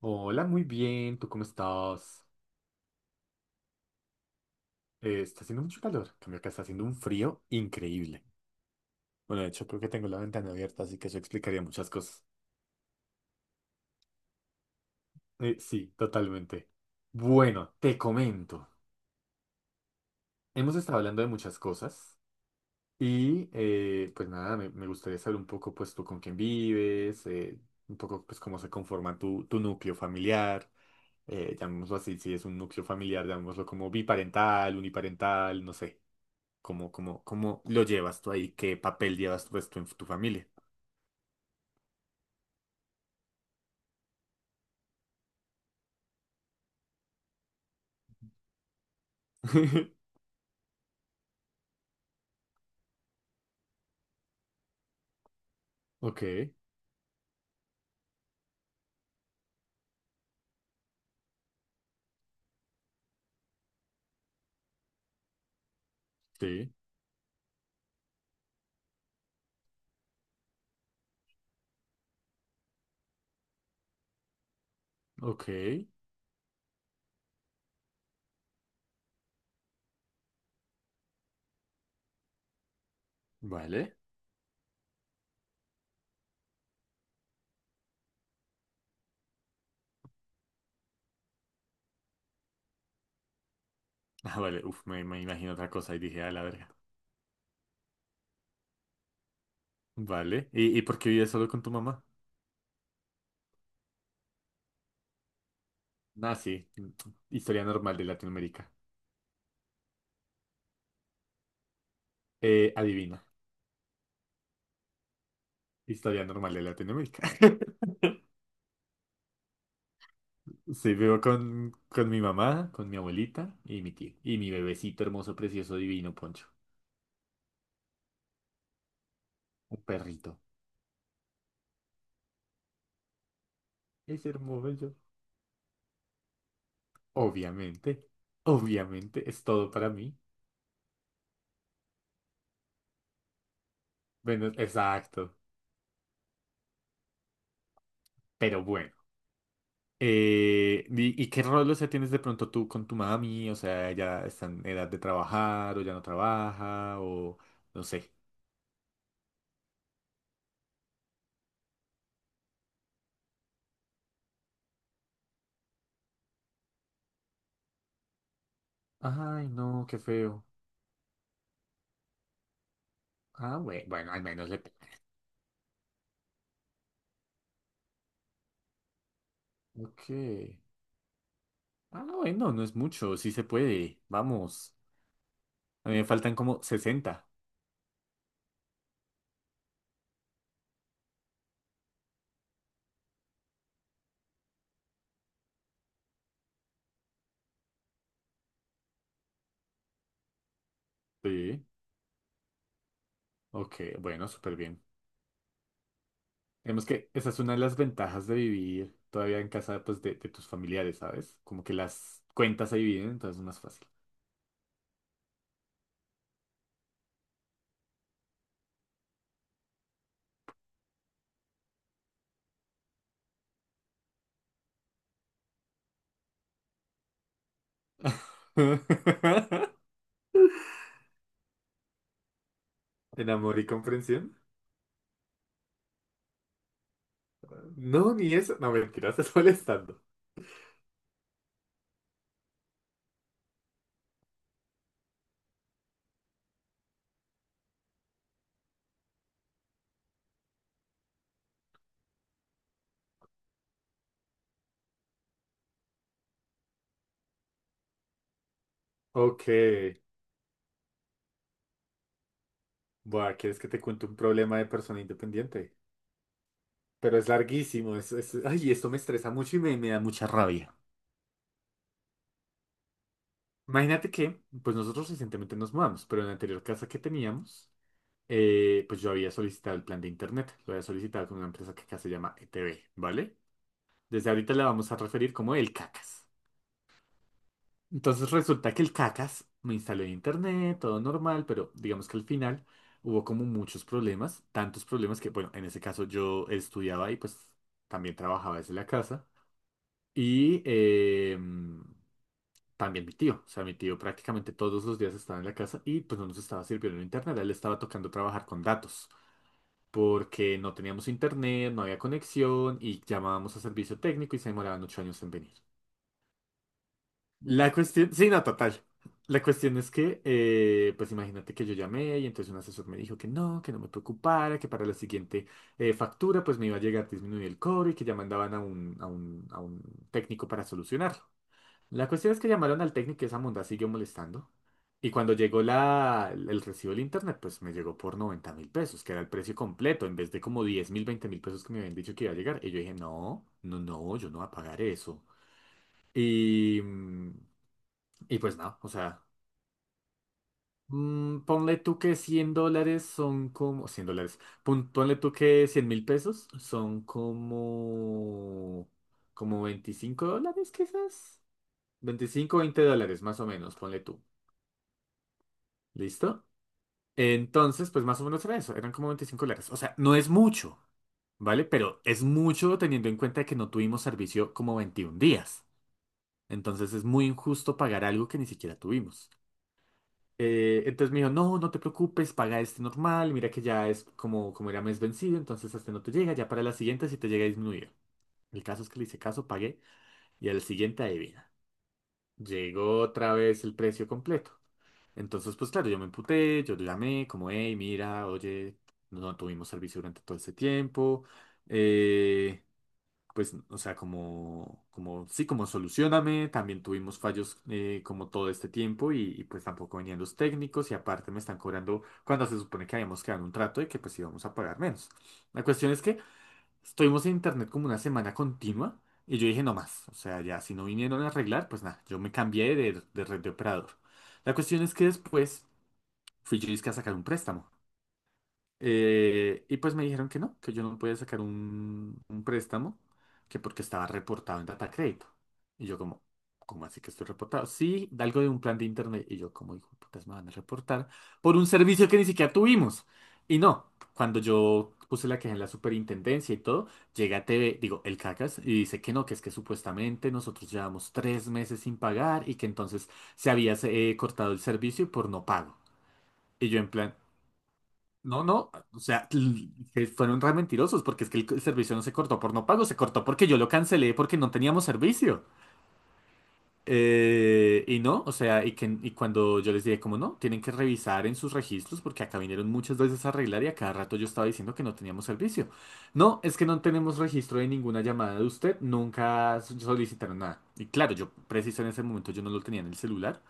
Hola, muy bien. ¿Tú cómo estás? Está haciendo mucho calor. En cambio, acá está haciendo un frío increíble. Bueno, de hecho, creo que tengo la ventana abierta, así que eso explicaría muchas cosas. Sí, totalmente. Bueno, te comento. Hemos estado hablando de muchas cosas y, pues nada, me gustaría saber un poco, pues tú con quién vives, un poco, pues cómo se conforma tu núcleo familiar. Llamémoslo así, si es un núcleo familiar, llamémoslo como biparental, uniparental, no sé. ¿Cómo lo llevas tú ahí? ¿Qué papel llevas tú esto en tu familia? Ok, sí, ok, vale. Ah, vale, uf, me imagino otra cosa y dije, a la verga. Vale, y por qué vives solo con tu mamá? Ah, sí, mm, historia normal de Latinoamérica. Adivina, historia normal de Latinoamérica. Sí, vivo con mi mamá, con mi abuelita y mi tío. Y mi bebecito hermoso, precioso, divino, Poncho. Un perrito. Es hermoso. Obviamente, obviamente es todo para mí. Bueno, exacto. Pero bueno. ¿Y qué rol, o sea, tienes de pronto tú con tu mami? O sea, ya está en edad de trabajar o ya no trabaja o no sé. Ay, no, qué feo. Ah, bueno, bueno, al menos le... Ok. Ah, bueno, no es mucho, sí se puede. Vamos. A mí me faltan como sesenta. Sí. Ok, bueno, súper bien. Digamos que esa es una de las ventajas de vivir todavía en casa, pues, de tus familiares, ¿sabes? Como que las cuentas se dividen, entonces es más fácil. ¿En amor y comprensión? No, ni eso. No, mentira, estás molestando. Ok. Buah, ¿quieres que te cuente un problema de persona independiente? Pero es larguísimo. Ay, esto me estresa mucho y me da mucha rabia. Imagínate que, pues nosotros recientemente nos mudamos, pero en la anterior casa que teníamos, pues yo había solicitado el plan de internet, lo había solicitado con una empresa que acá se llama ETV, ¿vale? Desde ahorita la vamos a referir como el Cacas. Entonces resulta que el Cacas me instaló en internet, todo normal, pero digamos que al final hubo como muchos problemas, tantos problemas que, bueno, en ese caso yo estudiaba y pues también trabajaba desde la casa. Y también mi tío, o sea, mi tío prácticamente todos los días estaba en la casa y pues no nos estaba sirviendo el internet, a él le estaba tocando trabajar con datos. Porque no teníamos internet, no había conexión y llamábamos a servicio técnico y se demoraban ocho años en venir. La cuestión, sí, no, total. La cuestión es que, pues imagínate que yo llamé y entonces un asesor me dijo que no me preocupara, que para la siguiente factura pues me iba a llegar disminuir el cobro y que ya mandaban a a un técnico para solucionarlo. La cuestión es que llamaron al técnico y esa monda siguió molestando. Y cuando llegó el recibo del internet, pues me llegó por 90.000 pesos, que era el precio completo, en vez de como 10.000, 20.000 pesos que me habían dicho que iba a llegar. Y yo dije, no, no, no, yo no voy a pagar eso. Y, mm, y pues no, o sea, ponle tú que $100 son como, $100, ponle tú que 100.000 pesos son como, como $25 quizás. Veinticinco 20 dólares más o menos, ponle tú. ¿Listo? Entonces, pues más o menos era eso, eran como $25. O sea, no es mucho, ¿vale? Pero es mucho teniendo en cuenta que no tuvimos servicio como 21 días. Entonces es muy injusto pagar algo que ni siquiera tuvimos. Entonces me dijo, no, no te preocupes, paga este normal, mira que ya es como, como era mes vencido, entonces este no te llega, ya para la siguiente si te llega a disminuir. El caso es que le hice caso, pagué y al siguiente adivina. Llegó otra vez el precio completo. Entonces, pues claro, yo me emputé, yo llamé como, hey, mira, oye, no tuvimos servicio durante todo este tiempo, eh, pues, o sea, sí, como solucioname, también tuvimos fallos como todo este tiempo pues tampoco venían los técnicos y aparte me están cobrando cuando se supone que habíamos quedado en un trato y que pues íbamos a pagar menos. La cuestión es que estuvimos en internet como una semana continua y yo dije, no más, o sea, ya si no vinieron a arreglar, pues nada, yo me cambié de red de operador. La cuestión es que después fui yo dizque a sacar un préstamo. Y pues me dijeron que no, que yo no podía sacar un préstamo, que porque estaba reportado en data crédito. Y yo como, ¿cómo así que estoy reportado? Sí, de algo de un plan de internet. Y yo como, hijo de putas, me van a reportar por un servicio que ni siquiera tuvimos. Y no, cuando yo puse la queja en la superintendencia y todo, llega a TV, digo, el Cacas, y dice que no, que es que supuestamente nosotros llevamos 3 meses sin pagar y que entonces se había cortado el servicio por no pago. Y yo en plan... No, no, o sea, que fueron re mentirosos porque es que el servicio no se cortó por no pago, se cortó porque yo lo cancelé porque no teníamos servicio. Y no, o sea, y, que, y cuando yo les dije, como no, tienen que revisar en sus registros porque acá vinieron muchas veces a arreglar y a cada rato yo estaba diciendo que no teníamos servicio. No, es que no tenemos registro de ninguna llamada de usted, nunca solicitaron nada. Y claro, yo preciso en ese momento yo no lo tenía en el celular.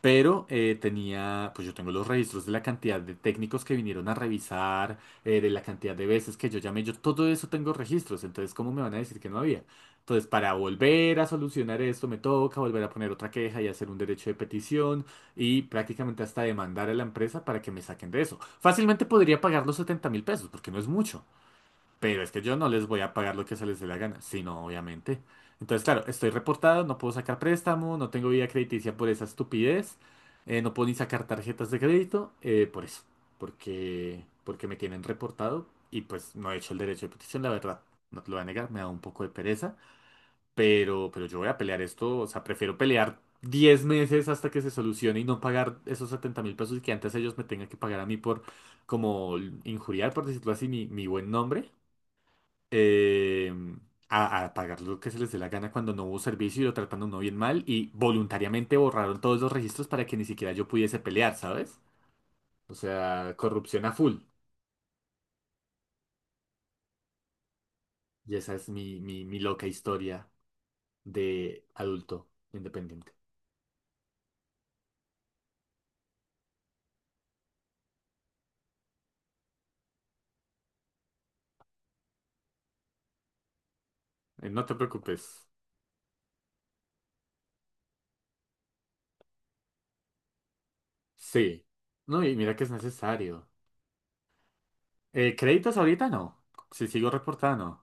Pero tenía, pues yo tengo los registros de la cantidad de técnicos que vinieron a revisar, de la cantidad de veces que yo llamé, yo todo eso tengo registros, entonces ¿cómo me van a decir que no había? Entonces, para volver a solucionar esto, me toca volver a poner otra queja y hacer un derecho de petición y prácticamente hasta demandar a la empresa para que me saquen de eso. Fácilmente podría pagar los 70 mil pesos, porque no es mucho. Pero es que yo no les voy a pagar lo que se les dé la gana, sino obviamente. Entonces, claro, estoy reportado, no puedo sacar préstamo, no tengo vida crediticia por esa estupidez, no puedo ni sacar tarjetas de crédito, por eso, porque me tienen reportado y pues no he hecho el derecho de petición, la verdad, no te lo voy a negar, me da un poco de pereza, pero yo voy a pelear esto, o sea, prefiero pelear 10 meses hasta que se solucione y no pagar esos 70.000 pesos y que antes ellos me tengan que pagar a mí por como injuriar, por decirlo así, mi buen nombre eh, a pagar lo que se les dé la gana cuando no hubo servicio y lo tratan a uno bien mal y voluntariamente borraron todos los registros para que ni siquiera yo pudiese pelear, ¿sabes? O sea, corrupción a full. Y esa es mi loca historia de adulto independiente. No te preocupes. Sí. No, y mira que es necesario. Créditos ahorita no. Si sigo reportando.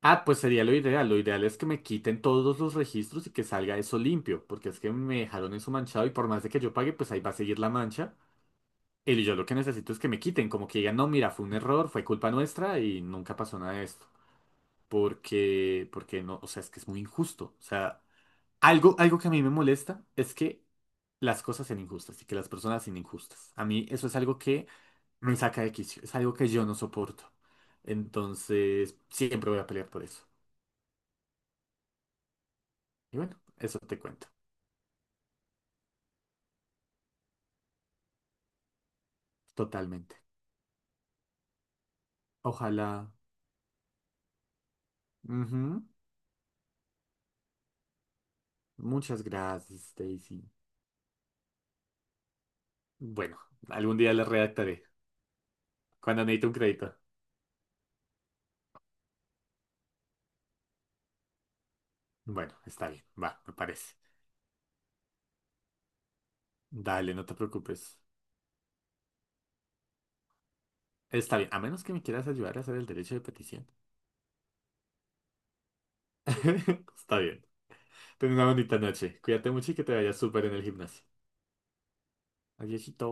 Ah, pues sería lo ideal. Lo ideal es que me quiten todos los registros y que salga eso limpio, porque es que me dejaron eso manchado y por más de que yo pague, pues ahí va a seguir la mancha. Y yo lo que necesito es que me quiten, como que digan, no, mira, fue un error, fue culpa nuestra y nunca pasó nada de esto. Porque no, o sea, es que es muy injusto. O sea, algo que a mí me molesta es que las cosas sean injustas y que las personas sean injustas. A mí eso es algo que me saca de quicio, es algo que yo no soporto. Entonces, siempre voy a pelear por eso. Y bueno, eso te cuento. Totalmente. Ojalá. Ujú. Muchas gracias, Stacy. Bueno, algún día le redactaré. Cuando necesite un crédito. Bueno, está bien. Va, me parece. Dale, no te preocupes. Está bien, a menos que me quieras ayudar a hacer el derecho de petición. Está bien. Ten una bonita noche. Cuídate mucho y que te vaya súper en el gimnasio. Adiósito.